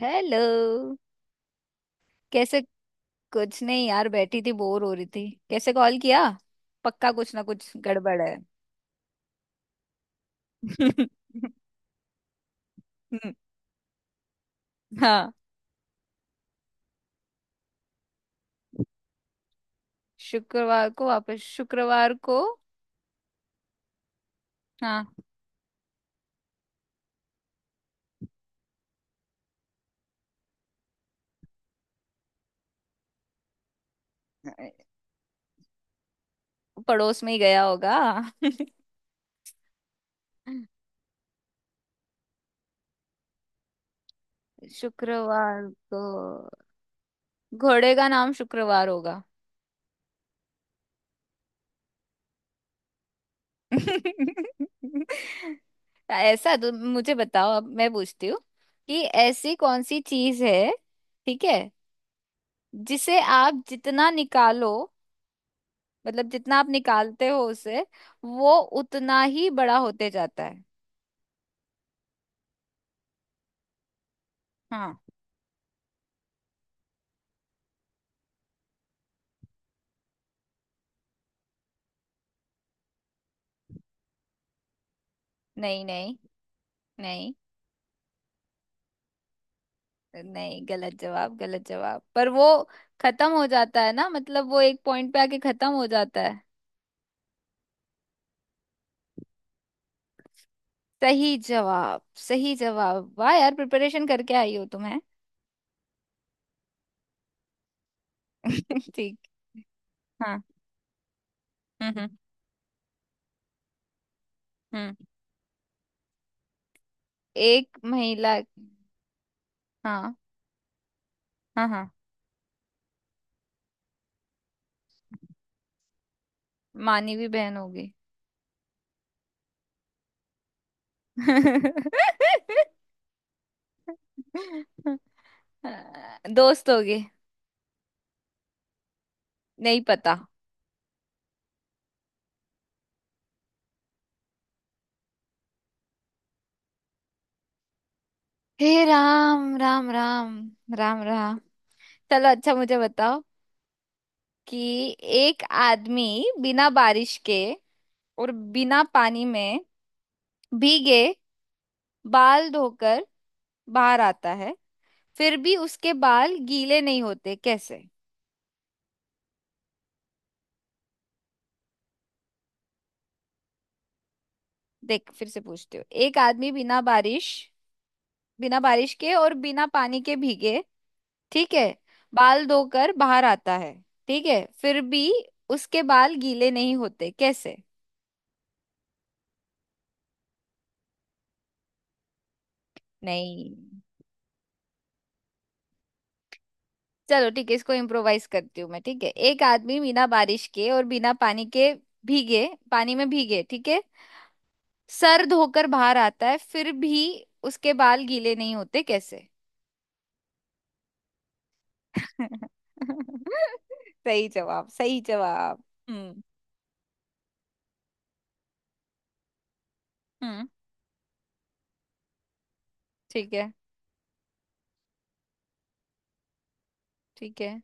Hello. कैसे? कुछ नहीं यार, बैठी थी बोर हो रही थी, कैसे कॉल किया? पक्का कुछ ना कुछ गड़बड़ है। हम्म, हाँ। शुक्रवार को वापस शुक्रवार को? हाँ। पड़ोस में ही गया होगा। शुक्रवार को घोड़े का नाम शुक्रवार होगा। ऐसा तो मुझे बताओ, अब मैं पूछती हूँ कि ऐसी कौन सी चीज है। ठीक है, जिसे आप जितना निकालो, मतलब जितना आप निकालते हो उसे, वो उतना ही बड़ा होते जाता है। हाँ। नहीं नहीं नहीं नहीं। गलत जवाब, गलत जवाब, पर वो खत्म हो जाता है ना, मतलब वो एक पॉइंट पे आके खत्म हो जाता है। सही जवाब, सही जवाब। वाह यार, प्रिपरेशन करके आई हो तुम्हें। ठीक। हाँ। हम्म हम्म हम्म। एक महिला। हाँ। हाँ हाँ। मानवी बहन होगी। दोस्त होगे। नहीं पता। हे राम राम राम, राम राम। चलो अच्छा, मुझे बताओ कि एक आदमी बिना बारिश के और बिना पानी में भीगे बाल धोकर बाहर आता है, फिर भी उसके बाल गीले नहीं होते, कैसे? देख, फिर से पूछती हूँ। एक आदमी बिना बारिश के और बिना पानी के भीगे, ठीक है, बाल धोकर बाहर आता है, ठीक है, फिर भी उसके बाल गीले नहीं होते, कैसे? नहीं। चलो ठीक है, इसको इम्प्रोवाइज करती हूँ मैं। ठीक है, एक आदमी बिना बारिश के और बिना पानी के भीगे, पानी में भीगे, ठीक है, सर धोकर बाहर आता है, फिर भी उसके बाल गीले नहीं होते, कैसे? सही जवाब, सही जवाब। हम्म हम्म। ठीक है ठीक है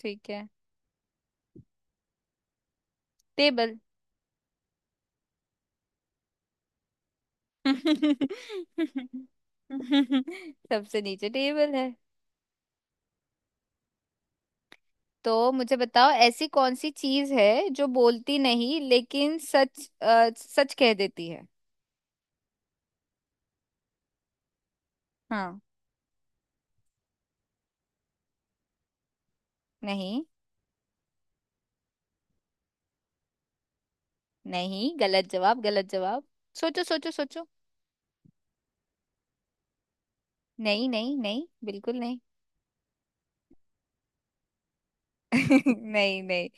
ठीक है। टेबल। सबसे नीचे टेबल है। तो मुझे बताओ, ऐसी कौन सी चीज है जो बोलती नहीं लेकिन सच कह देती है। हाँ। नहीं, नहीं गलत जवाब, गलत जवाब। सोचो सोचो सोचो। नहीं नहीं नहीं, बिल्कुल नहीं। नहीं नहीं,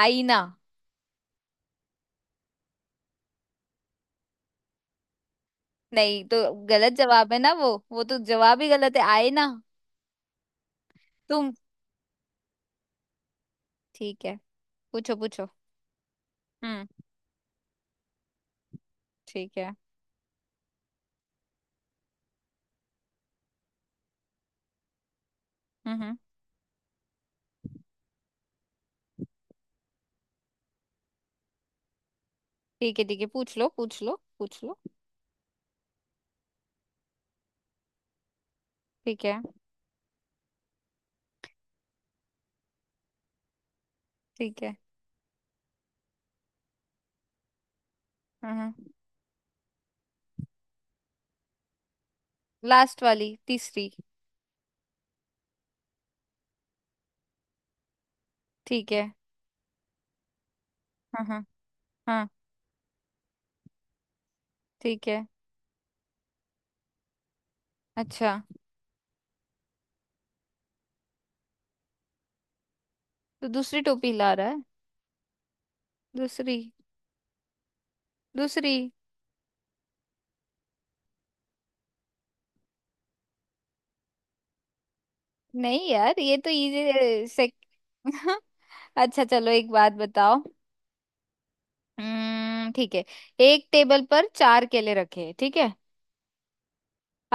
आईना। नहीं तो, गलत जवाब है ना, वो तो जवाब ही गलत है, आईना। तुम। ठीक है, पूछो पूछो। हम्म। ठीक है। हम्म, हम्म। ठीक है ठीक है, पूछ लो पूछ लो पूछ लो। ठीक है। ठीक है। हाँ हाँ। लास्ट वाली, तीसरी। ठीक है। हाँ हाँ। हाँ। ठीक है। अच्छा, तो दूसरी टोपी ला रहा है। दूसरी। दूसरी। नहीं यार, ये तो इजी से। अच्छा चलो, एक बात बताओ। हम्म। ठीक है, एक टेबल पर चार केले रखे हैं, ठीक है,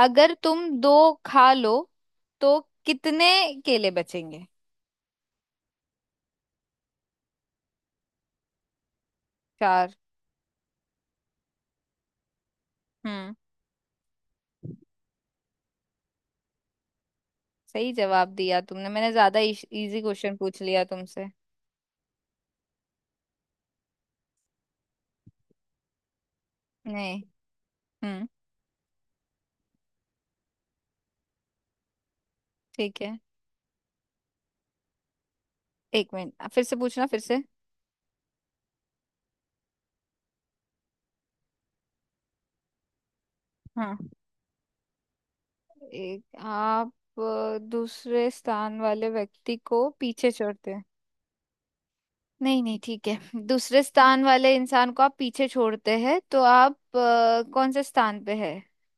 अगर तुम दो खा लो तो कितने केले बचेंगे? चार। हम्म। सही जवाब दिया तुमने, मैंने ज्यादा इजी क्वेश्चन पूछ लिया तुमसे। नहीं। हम्म। ठीक है। एक मिनट, फिर से पूछना, फिर से। हाँ। एक आप दूसरे स्थान वाले व्यक्ति को पीछे छोड़ते हैं। नहीं नहीं, ठीक है। दूसरे स्थान वाले इंसान को आप पीछे छोड़ते हैं, तो आप कौन से स्थान पे है?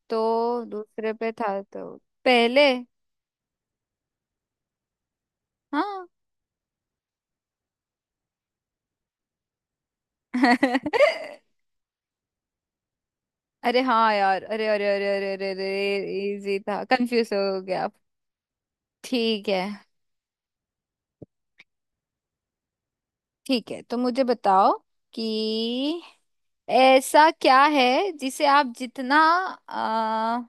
तो दूसरे पे था, तो पहले। हाँ। अरे हाँ यार, अरे अरे अरे अरे अरे अरे, इजी था, कंफ्यूज हो गया आप। ठीक है। ठीक है, तो मुझे बताओ कि ऐसा क्या है जिसे आप जितना आ,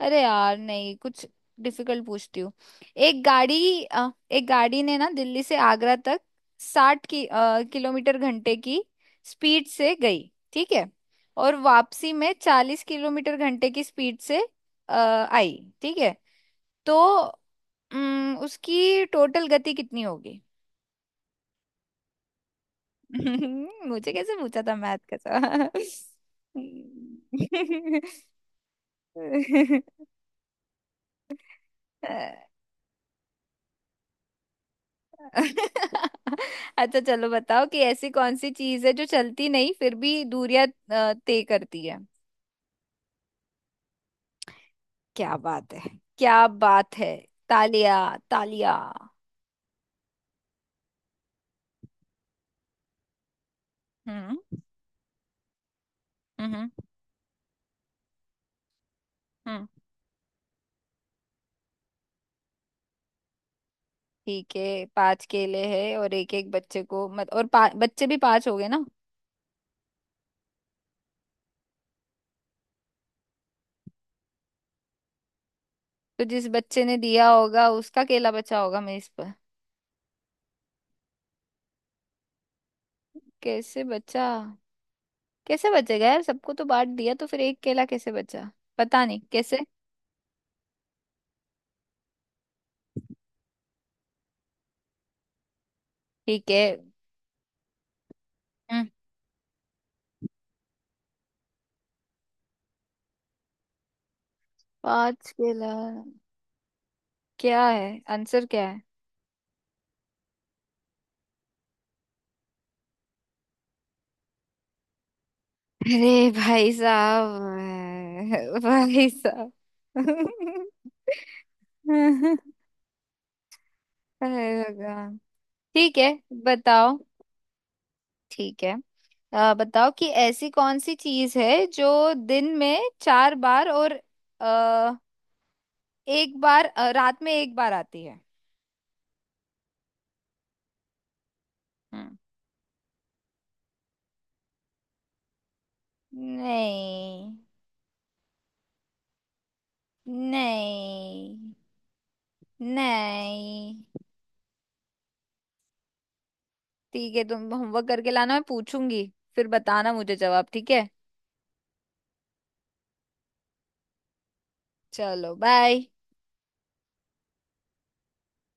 अरे यार नहीं, कुछ डिफिकल्ट पूछती हूँ। एक गाड़ी ने ना दिल्ली से आगरा तक साठ किलोमीटर घंटे की स्पीड से गई, ठीक है, और वापसी में चालीस किलोमीटर घंटे की स्पीड से आई, ठीक है, तो उसकी टोटल गति कितनी होगी? मुझे कैसे पूछा था मैथ का सवाल? अच्छा चलो, बताओ कि ऐसी कौन सी चीज है जो चलती नहीं फिर भी दूरियां तय करती है। क्या बात है, क्या बात है। तालिया, तालिया। हम्म हम्म हम्म। ठीक है, पांच केले हैं और एक एक बच्चे को मत और पा, बच्चे भी पांच हो गए ना। तो जिस बच्चे ने दिया होगा उसका केला बचा होगा मेज पर। कैसे बचा? कैसे बचेगा यार, सबको तो बांट दिया तो फिर एक केला कैसे बचा? पता नहीं कैसे। ठीक है। हम्म। पाँच केला। क्या है आंसर, क्या है? अरे भाई साहब, भाई साहब। अरे भगवान। ठीक है, बताओ। ठीक है, बताओ कि ऐसी कौन सी चीज है जो दिन में चार बार और आ, एक बार अ, रात में एक बार आती है। हम्म। नहीं नहीं नहीं। ठीक है, तुम होमवर्क करके लाना, मैं पूछूंगी, फिर बताना मुझे जवाब, ठीक है। चलो बाय।